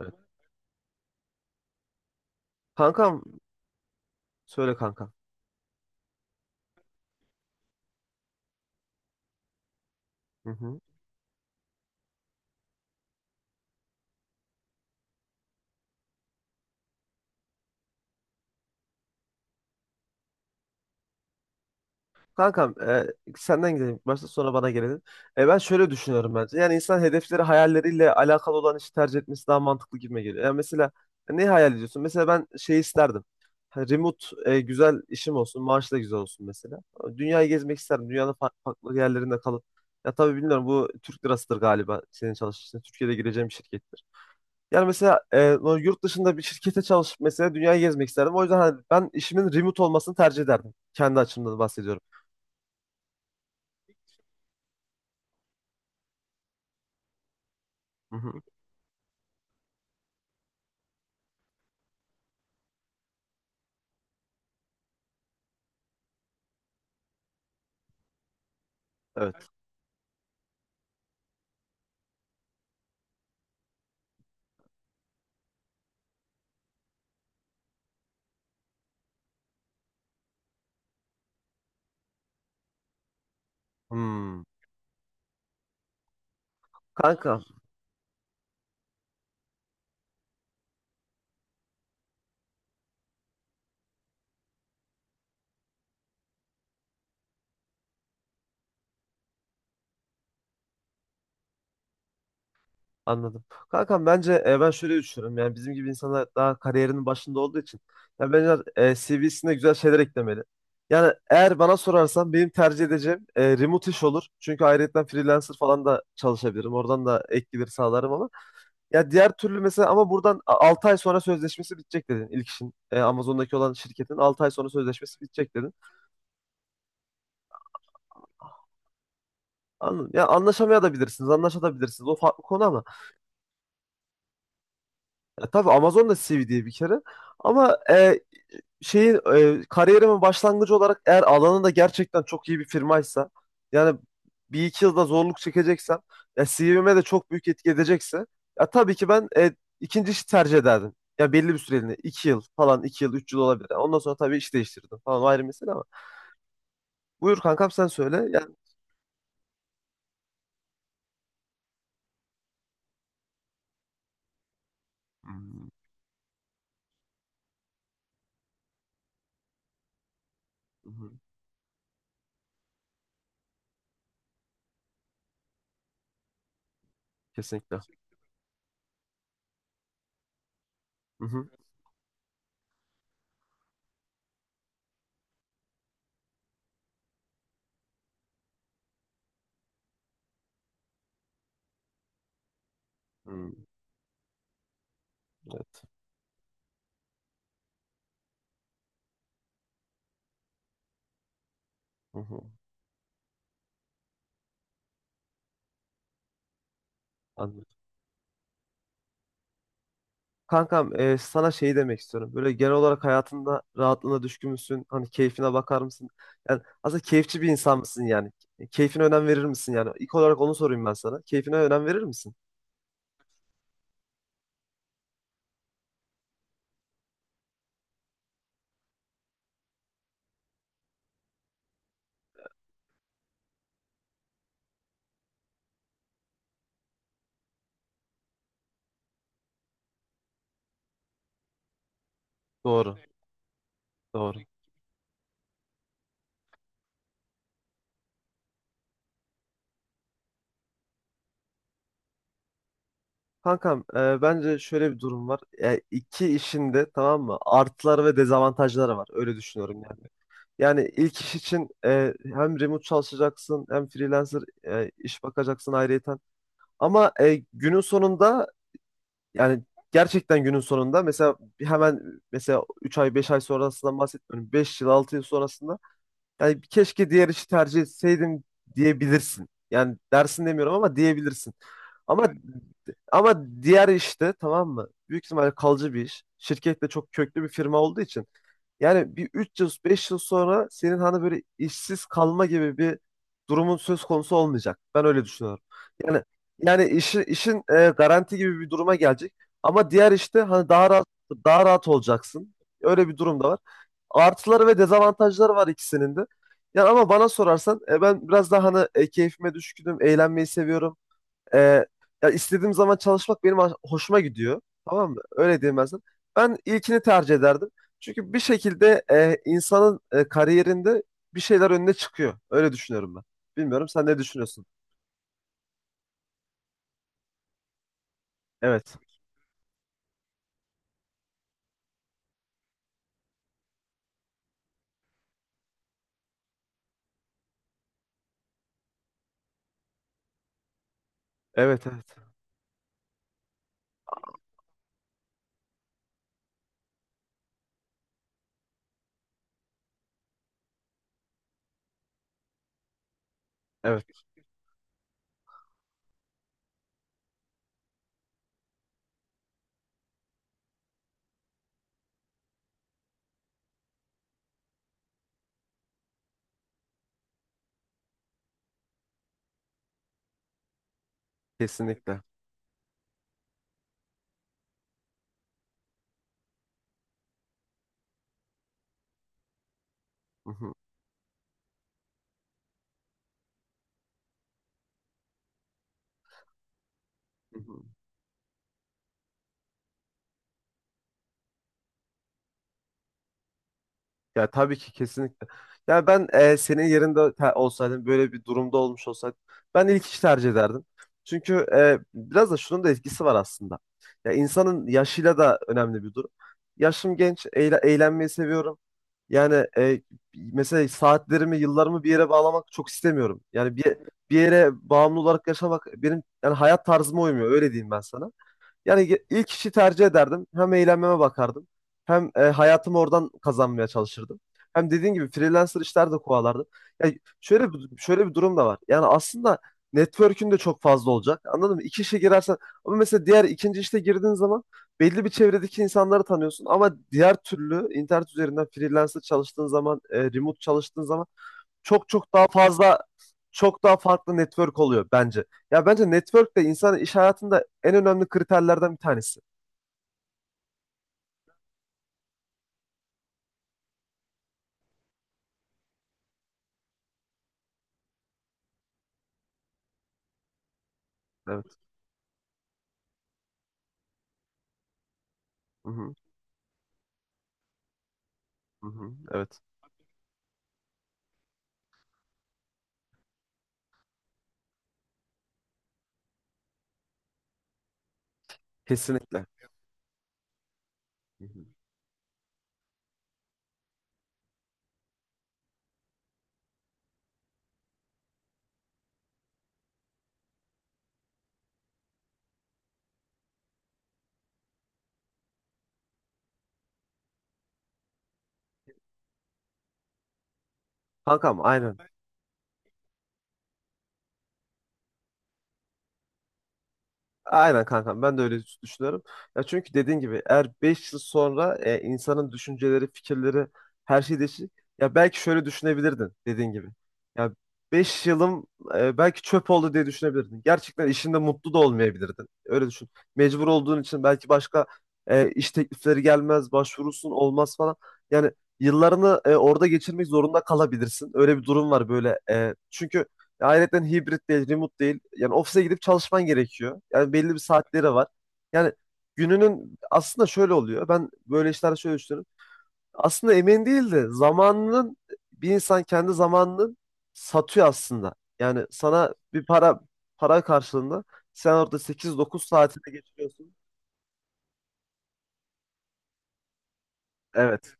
Evet. Kankam, söyle kankam. Hı hı. Kankam, senden gidelim. Başta sonra bana gelelim. Ben şöyle düşünüyorum bence. Yani insan hedefleri hayalleriyle alakalı olan işi tercih etmesi daha mantıklı gibime geliyor. Yani mesela ne hayal ediyorsun? Mesela ben şey isterdim. Ha, remote güzel işim olsun. Maaş da güzel olsun mesela. Dünyayı gezmek isterdim. Dünyanın farklı, farklı yerlerinde kalıp. Ya tabii bilmiyorum, bu Türk lirasıdır galiba senin çalıştığın. Türkiye'de gireceğim bir şirket. Yani mesela o yurt dışında bir şirkete çalışıp mesela dünyayı gezmek isterdim. O yüzden hani ben işimin remote olmasını tercih ederdim. Kendi açımdan bahsediyorum. Hı hı. Evet. Hmm. Kanka, anladım. Kankam, bence ben şöyle düşünüyorum. Yani bizim gibi insanlar daha kariyerinin başında olduğu için yani bence CV'sine güzel şeyler eklemeli. Yani eğer bana sorarsan benim tercih edeceğim remote iş olur. Çünkü ayrıyetten freelancer falan da çalışabilirim. Oradan da ek gelir sağlarım ama ya diğer türlü mesela, ama buradan 6 ay sonra sözleşmesi bitecek dedin ilk işin. Amazon'daki olan şirketin 6 ay sonra sözleşmesi bitecek dedin. Anladım. Ya anlaşamaya da bilirsiniz, anlaşabilirsiniz. O farklı konu ama. Ya tabii, Amazon da CV diye bir kere. Ama kariyerimin başlangıcı olarak eğer alanında gerçekten çok iyi bir firmaysa, yani bir iki yılda zorluk çekeceksem, ya CV'me de çok büyük etki edecekse ya tabii ki ben ikinci işi tercih ederdim. Ya belli bir süreliğine iki yıl falan, iki yıl üç yıl olabilir. Yani ondan sonra tabii iş değiştirdim falan, o ayrı mesele ama. Buyur kankam, sen söyle. Yani... Hı hı, hı hı. Kesinlikle. Hı hı, hı, evet. Hı hı, anladım. Kankam, sana şey demek istiyorum. Böyle genel olarak hayatında rahatlığına düşkün müsün? Hani keyfine bakar mısın? Yani aslında keyifçi bir insan mısın yani? Keyfine önem verir misin yani? İlk olarak onu sorayım ben sana. Keyfine önem verir misin? Doğru, doğru. Kankam, bence şöyle bir durum var. İki işin de tamam mı? Artıları ve dezavantajları var. Öyle düşünüyorum yani. Yani ilk iş için hem remote çalışacaksın, hem freelancer iş bakacaksın ayrıyeten. Ama günün sonunda, yani gerçekten günün sonunda mesela hemen, mesela 3 ay 5 ay sonrasından bahsetmiyorum. Beş yıl 6 yıl sonrasında yani keşke diğer işi tercih etseydim diyebilirsin. Yani dersin demiyorum, ama diyebilirsin. Ama yani, ama diğer işte tamam mı? Büyük ihtimalle kalıcı bir iş. Şirket de çok köklü bir firma olduğu için. Yani bir 3 yıl 5 yıl sonra senin hani böyle işsiz kalma gibi bir durumun söz konusu olmayacak. Ben öyle düşünüyorum. Yani yani işin garanti gibi bir duruma gelecek. Ama diğer işte hani daha rahat, daha rahat olacaksın. Öyle bir durum da var, artıları ve dezavantajları var ikisinin de. Yani ama bana sorarsan ben biraz daha hani keyfime düşkünüm, eğlenmeyi seviyorum. E, Ya istediğim zaman çalışmak benim hoşuma gidiyor. Tamam mı? Öyle diyeyim ben sana. Ben ilkini tercih ederdim. Çünkü bir şekilde insanın kariyerinde bir şeyler önüne çıkıyor. Öyle düşünüyorum ben. Bilmiyorum, sen ne düşünüyorsun? Evet. Evet, evet. Evet, kesinlikle. Hı hı, hı hı. Ya tabii ki, kesinlikle. Ya ben senin yerinde olsaydım, böyle bir durumda olmuş olsaydım ben ilk işi tercih ederdim. Çünkü biraz da şunun da etkisi var aslında. Ya insanın yaşıyla da önemli bir durum. Yaşım genç, eğlenmeyi seviyorum. Yani mesela saatlerimi, yıllarımı bir yere bağlamak çok istemiyorum. Yani bir, bir yere bağımlı olarak yaşamak benim yani hayat tarzıma uymuyor, öyle diyeyim ben sana. Yani ilk işi tercih ederdim. Hem eğlenmeme bakardım. Hem hayatımı oradan kazanmaya çalışırdım. Hem dediğin gibi freelancer işler de kovalardım. Yani şöyle bir, şöyle bir durum da var. Yani aslında network'ün de çok fazla olacak. Anladın mı? İki işe girersen, ama mesela diğer ikinci işte girdiğin zaman belli bir çevredeki insanları tanıyorsun, ama diğer türlü internet üzerinden freelancer çalıştığın zaman, remote çalıştığın zaman çok çok daha fazla, çok daha farklı network oluyor bence. Ya bence network de insanın iş hayatında en önemli kriterlerden bir tanesi. Evet. Hı hı, hı hı, evet. Kesinlikle. Hı hı. Kankam, aynen. Aynen kankam, ben de öyle düşünüyorum. Ya çünkü dediğin gibi, eğer 5 yıl sonra insanın düşünceleri, fikirleri, her şey değişir. Ya belki şöyle düşünebilirdin dediğin gibi. Ya 5 yılım belki çöp oldu diye düşünebilirdin. Gerçekten işinde mutlu da olmayabilirdin. Öyle düşün. Mecbur olduğun için belki başka iş teklifleri gelmez, başvurursun olmaz falan. Yani yıllarını orada geçirmek zorunda kalabilirsin. Öyle bir durum var böyle. E, çünkü Ayrıca hibrit değil, remote değil. Yani ofise gidip çalışman gerekiyor. Yani belli bir saatleri var. Yani gününün aslında şöyle oluyor. Ben böyle işlerde şöyle düşünüyorum. Aslında emin değil de zamanının, bir insan kendi zamanını satıyor aslında. Yani sana bir para karşılığında sen orada sekiz dokuz saatini geçiriyorsun. Evet.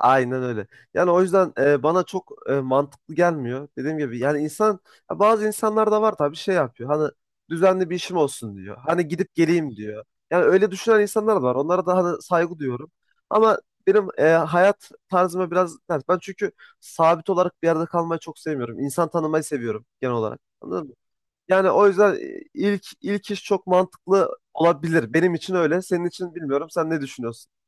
Aynen öyle. Yani o yüzden bana çok mantıklı gelmiyor. Dediğim gibi yani insan, ya bazı insanlar da var tabii şey yapıyor. Hani düzenli bir işim olsun diyor. Hani gidip geleyim diyor. Yani öyle düşünen insanlar da var. Onlara da hani saygı duyuyorum. Ama benim hayat tarzıma biraz ters. Ben çünkü sabit olarak bir yerde kalmayı çok sevmiyorum. İnsan tanımayı seviyorum genel olarak. Anladın mı? Yani o yüzden ilk iş çok mantıklı olabilir. Benim için öyle. Senin için bilmiyorum. Sen ne düşünüyorsun?